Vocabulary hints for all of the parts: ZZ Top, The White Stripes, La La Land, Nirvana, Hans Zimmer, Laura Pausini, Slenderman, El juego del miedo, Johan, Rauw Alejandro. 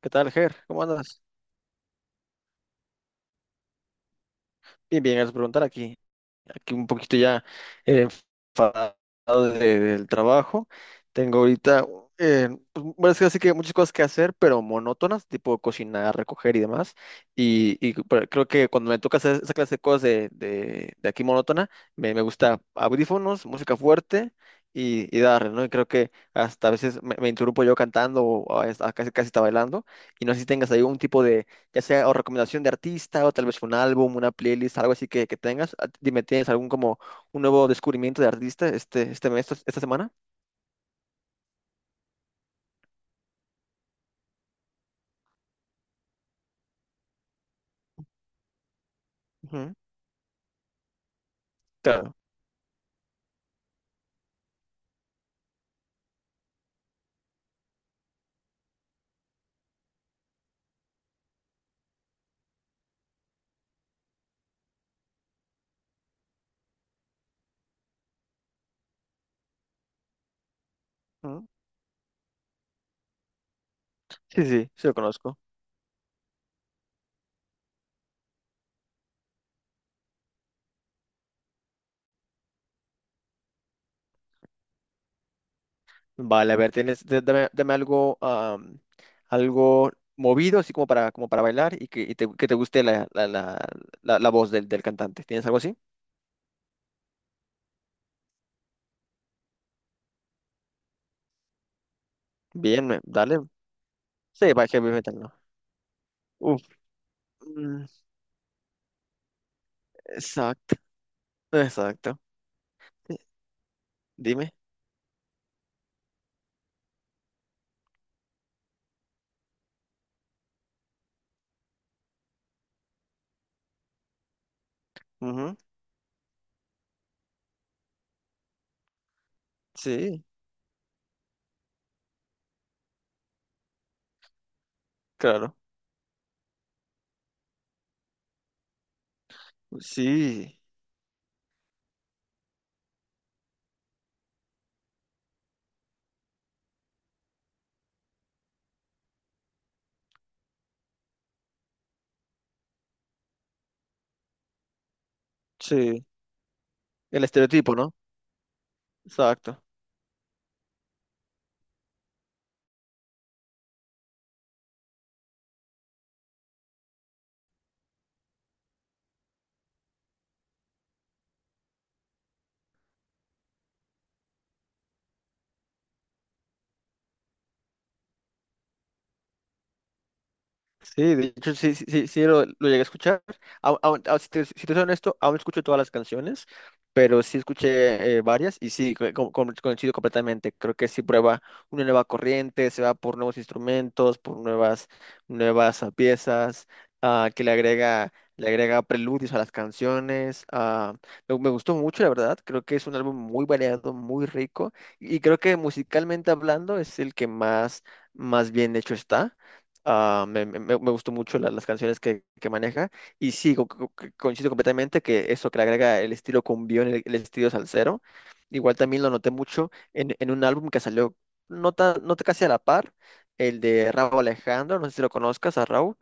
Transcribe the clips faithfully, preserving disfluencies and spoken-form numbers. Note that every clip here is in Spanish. ¿Qué tal, Ger? ¿Cómo andas? Bien, bien, gracias por preguntar aquí. Aquí un poquito ya eh, enfadado de- del trabajo. Tengo ahorita, eh, pues, bueno, es que así que muchas cosas que hacer, pero monótonas, tipo cocinar, recoger y demás. Y, y pero creo que cuando me toca hacer esa clase de cosas de, de, de aquí monótona, me, me gusta audífonos, música fuerte y, y darle, ¿no? Y creo que hasta a veces me, me interrumpo yo cantando o a- a- casi, casi está bailando. Y no sé si tengas ahí un tipo ya sea o recomendación de artista o tal vez un álbum, una playlist, algo así que, que tengas. Ah, Dime, ¿tienes algún como un nuevo descubrimiento de artista este, este mes, esta esta semana? Ujú. Claro. Ujú. Sí, sí, sí lo conozco. Vale, a ver, tienes, d- dame, dame algo, am, algo movido, así como para, como para bailar y que, y te, que te guste la, la, la, la, la voz del, del cantante. ¿Tienes algo así? Bien, me- dale. Sí, va heavy metal, ¿no? Uf, mm, exacto, exacto. Sí, dime. Ujú. Sí, claro. Sí, sí, el estereotipo, ¿no? Exacto. Sí, de hecho, sí, sí, sí, sí lo, lo llegué a escuchar. Aún- aún- aún- si te, si te soy honesto, aún no escucho todas las canciones, pero sí escuché eh, varias y sí, co- co- con- coincido completamente. Creo que sí prueba una nueva corriente, se va por nuevos instrumentos, por nuevas, nuevas ah, piezas, ah, que le agrega, le agrega preludios a las canciones. ah, me, me gustó mucho, la verdad. Creo que es un álbum muy variado, muy rico y creo que musicalmente hablando es el que más, más bien hecho está. Ah, me, me- me- me gustó mucho la- las canciones que, que maneja. Y sí, co- co- co- coincido completamente que eso que le agrega el estilo cumbión, el, el estilo salsero. Igual también lo noté mucho en, en un álbum que salió no, ta- no casi a la par, el de Rauw Alejandro. No sé si lo conozcas a Rauw,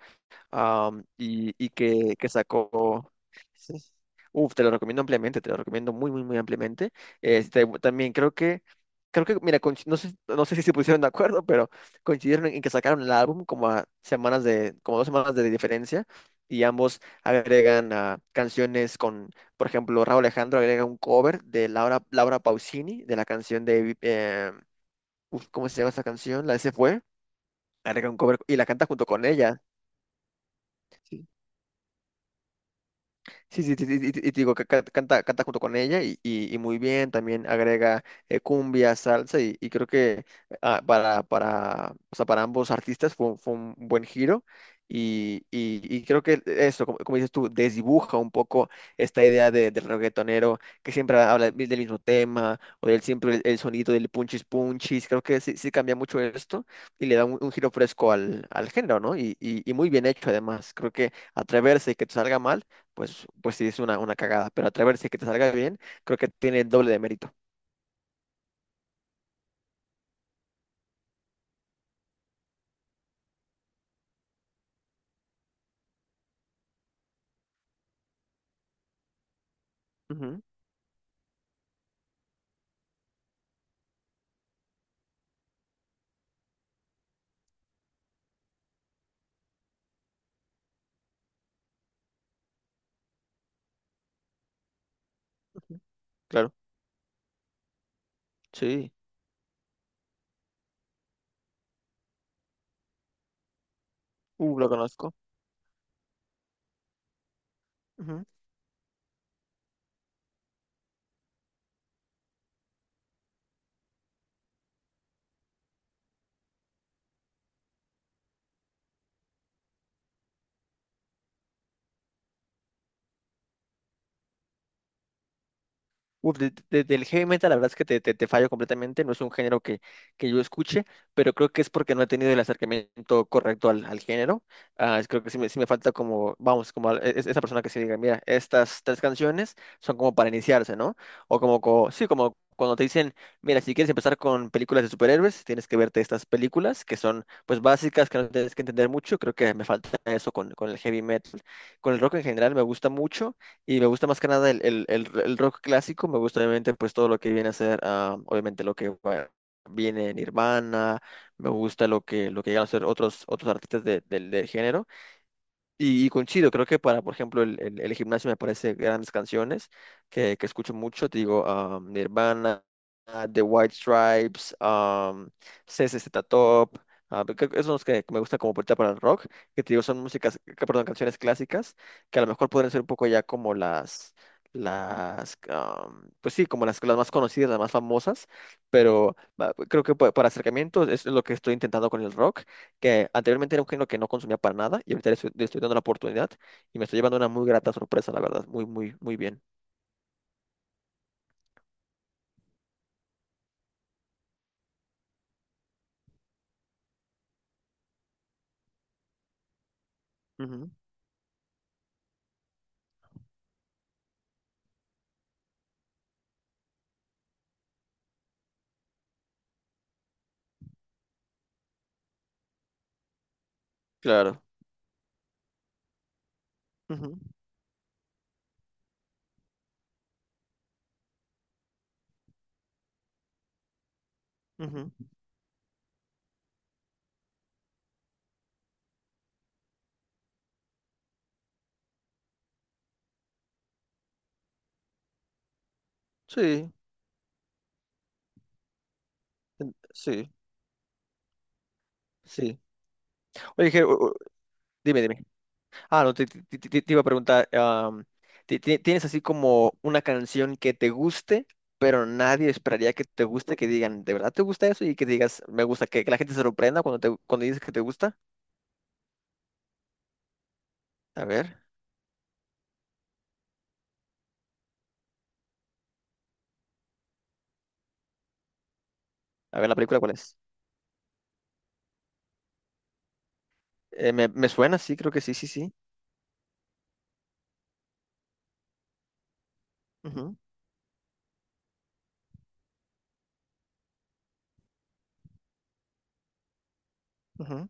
am, y, y que, que sacó... Uf, te lo recomiendo ampliamente, te lo recomiendo muy, muy, muy ampliamente. Este, también creo que, creo que, mira, coinci- no sé, no sé si se pusieron de acuerdo, pero coincidieron en que sacaron el álbum como a semanas de, como dos semanas de diferencia, y ambos agregan ah, canciones con, por ejemplo, Raúl Alejandro agrega un cover de Laura, Laura Pausini, de la canción de, eh, uf, ¿cómo se llama esa canción? La de Se Fue, agrega un cover y la canta junto con ella. Sí, sí, sí, sí, y te y te digo que ca- canta, canta junto con ella y, y- y muy bien, también agrega eh, cumbia, salsa y, y creo que ah, para, para, o sea, para ambos artistas fue, un fue un buen giro y, y- y creo que eso, como, como dices tú, desdibuja un poco esta idea de, del reggaetonero que siempre habla del mismo tema o del siempre el, el sonido del punchis punchis, creo que sí, sí cambia mucho esto y le da un, un giro fresco al, al género, ¿no? Y, y, y muy bien hecho además, creo que atreverse y que te salga mal pues, pues sí es una, una cagada. Pero atreverse a que te salga bien, creo que tiene el doble de mérito. Ujú, ujú, claro, sí. Uh, lo conozco. Ujú. Uf, de- de- del heavy metal, la verdad es que te, te- te fallo completamente, no es un género que, que yo escuche, pero creo que es porque no he tenido el acercamiento correcto al, al género. Ah, es- creo que sí me, sí me falta como, vamos, como al- es- esa persona que se diga, mira, estas tres canciones son como para iniciarse, ¿no? O como, co- sí, como cuando te dicen, mira, si quieres empezar con películas de superhéroes, tienes que verte estas películas que son, pues, básicas, que no tienes que entender mucho. Creo que me falta eso con, con el heavy metal. Con el rock en general me gusta mucho. Y me gusta más que nada el, el- el- el rock clásico, me gusta obviamente pues todo lo que viene a ser, ah, obviamente lo que va- viene en Nirvana, me gusta lo que, lo que llegan a ser otros, otros artistas de- del del género. Y, y coincido, creo que para, por ejemplo, el, el, el gimnasio me parece grandes canciones que, que escucho mucho, te digo, ah, Nirvana, ah, The White Stripes, um, Z Z Top, ah, creo que esos son los que me gusta como puerta para el rock, que te digo, son músicas, que- perdón, canciones clásicas, que a lo mejor podrían ser un poco ya como las, las, am, pues sí, como las, las más conocidas, las más famosas, pero ah, creo que pa- para acercamientos es lo que estoy intentando con el rock que anteriormente era un género que no consumía para nada y ahorita le estoy, le estoy dando la oportunidad y me estoy llevando una muy grata sorpresa, la verdad, muy, muy, muy bien. Ujú, claro. Ujú, ujú. Sí, sí, sí. Oye, Ger, u- u- dime, dime. Ah, no, te, te- te- te- te iba a preguntar, am, ti- ti- ¿tienes así como una canción que te guste, pero nadie esperaría que te guste, que digan, ¿de verdad te gusta eso? Y que digas, me gusta, que, que la gente se sorprenda cuando, te, cuando dices que te gusta. A ver, a ver la película, ¿cuál es? Eh, me, me suena, sí, creo que sí, sí, sí. Ujú, ujú.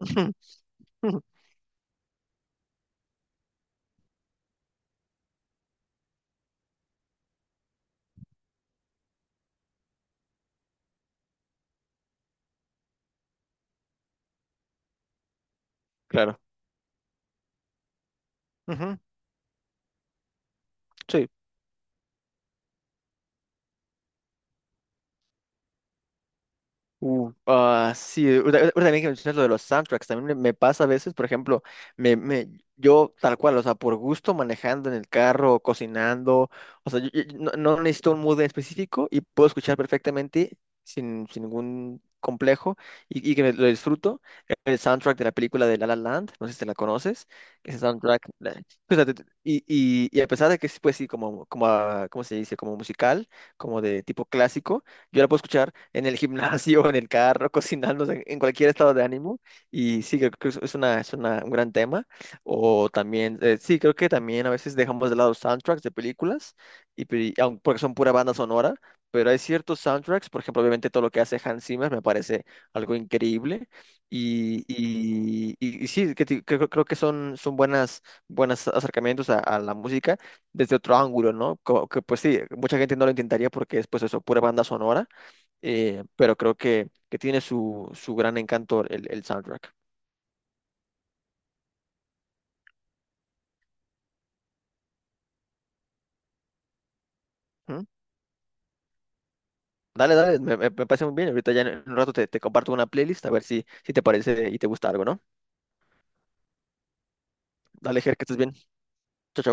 Ujú, ujú, claro. Ujú. Sí. Uh, ah, sí, eh, ahorita ahorita también que mencionas lo de los soundtracks, también me, me pasa a veces, por ejemplo, me, me, yo tal cual, o sea, por gusto manejando en el carro, cocinando, o sea, yo- yo- yo no, no necesito un mood en específico y puedo escuchar perfectamente sin, sin ningún complejo y, y que me- lo disfruto. El soundtrack de la película de La La Land, no sé si te la conoces, ese soundtrack, la- o sea, te- te- y, y, y a pesar de que es, pues sí, como, como, ah, ¿cómo se dice? Como musical, como de tipo clásico. Yo la puedo escuchar en el gimnasio, en el carro, cocinando, o sea, en cualquier estado de ánimo. Y sí, creo que es es una, es una- un gran tema. O también, eh, sí, creo que también a veces dejamos de lado soundtracks de películas, y, pe- aun- porque son pura banda sonora. Pero hay ciertos soundtracks, por ejemplo, obviamente todo lo que hace Hans Zimmer me parece algo increíble. Y, y, y- y sí, que ti- creo, creo que son, son buenas, buenos acercamientos a a la música desde otro ángulo, ¿no? Co- que pues sí, mucha gente no lo intentaría porque es pues eso, pura banda sonora, eh, pero creo que, que tiene su, su gran encanto el, el soundtrack. ¿Mm? Dale, dale, me, me- me parece muy bien. Ahorita ya en un rato te, te comparto una playlist a ver si, si te parece y te gusta algo, ¿no? Dale, Ger, que estés bien. Chao, chao.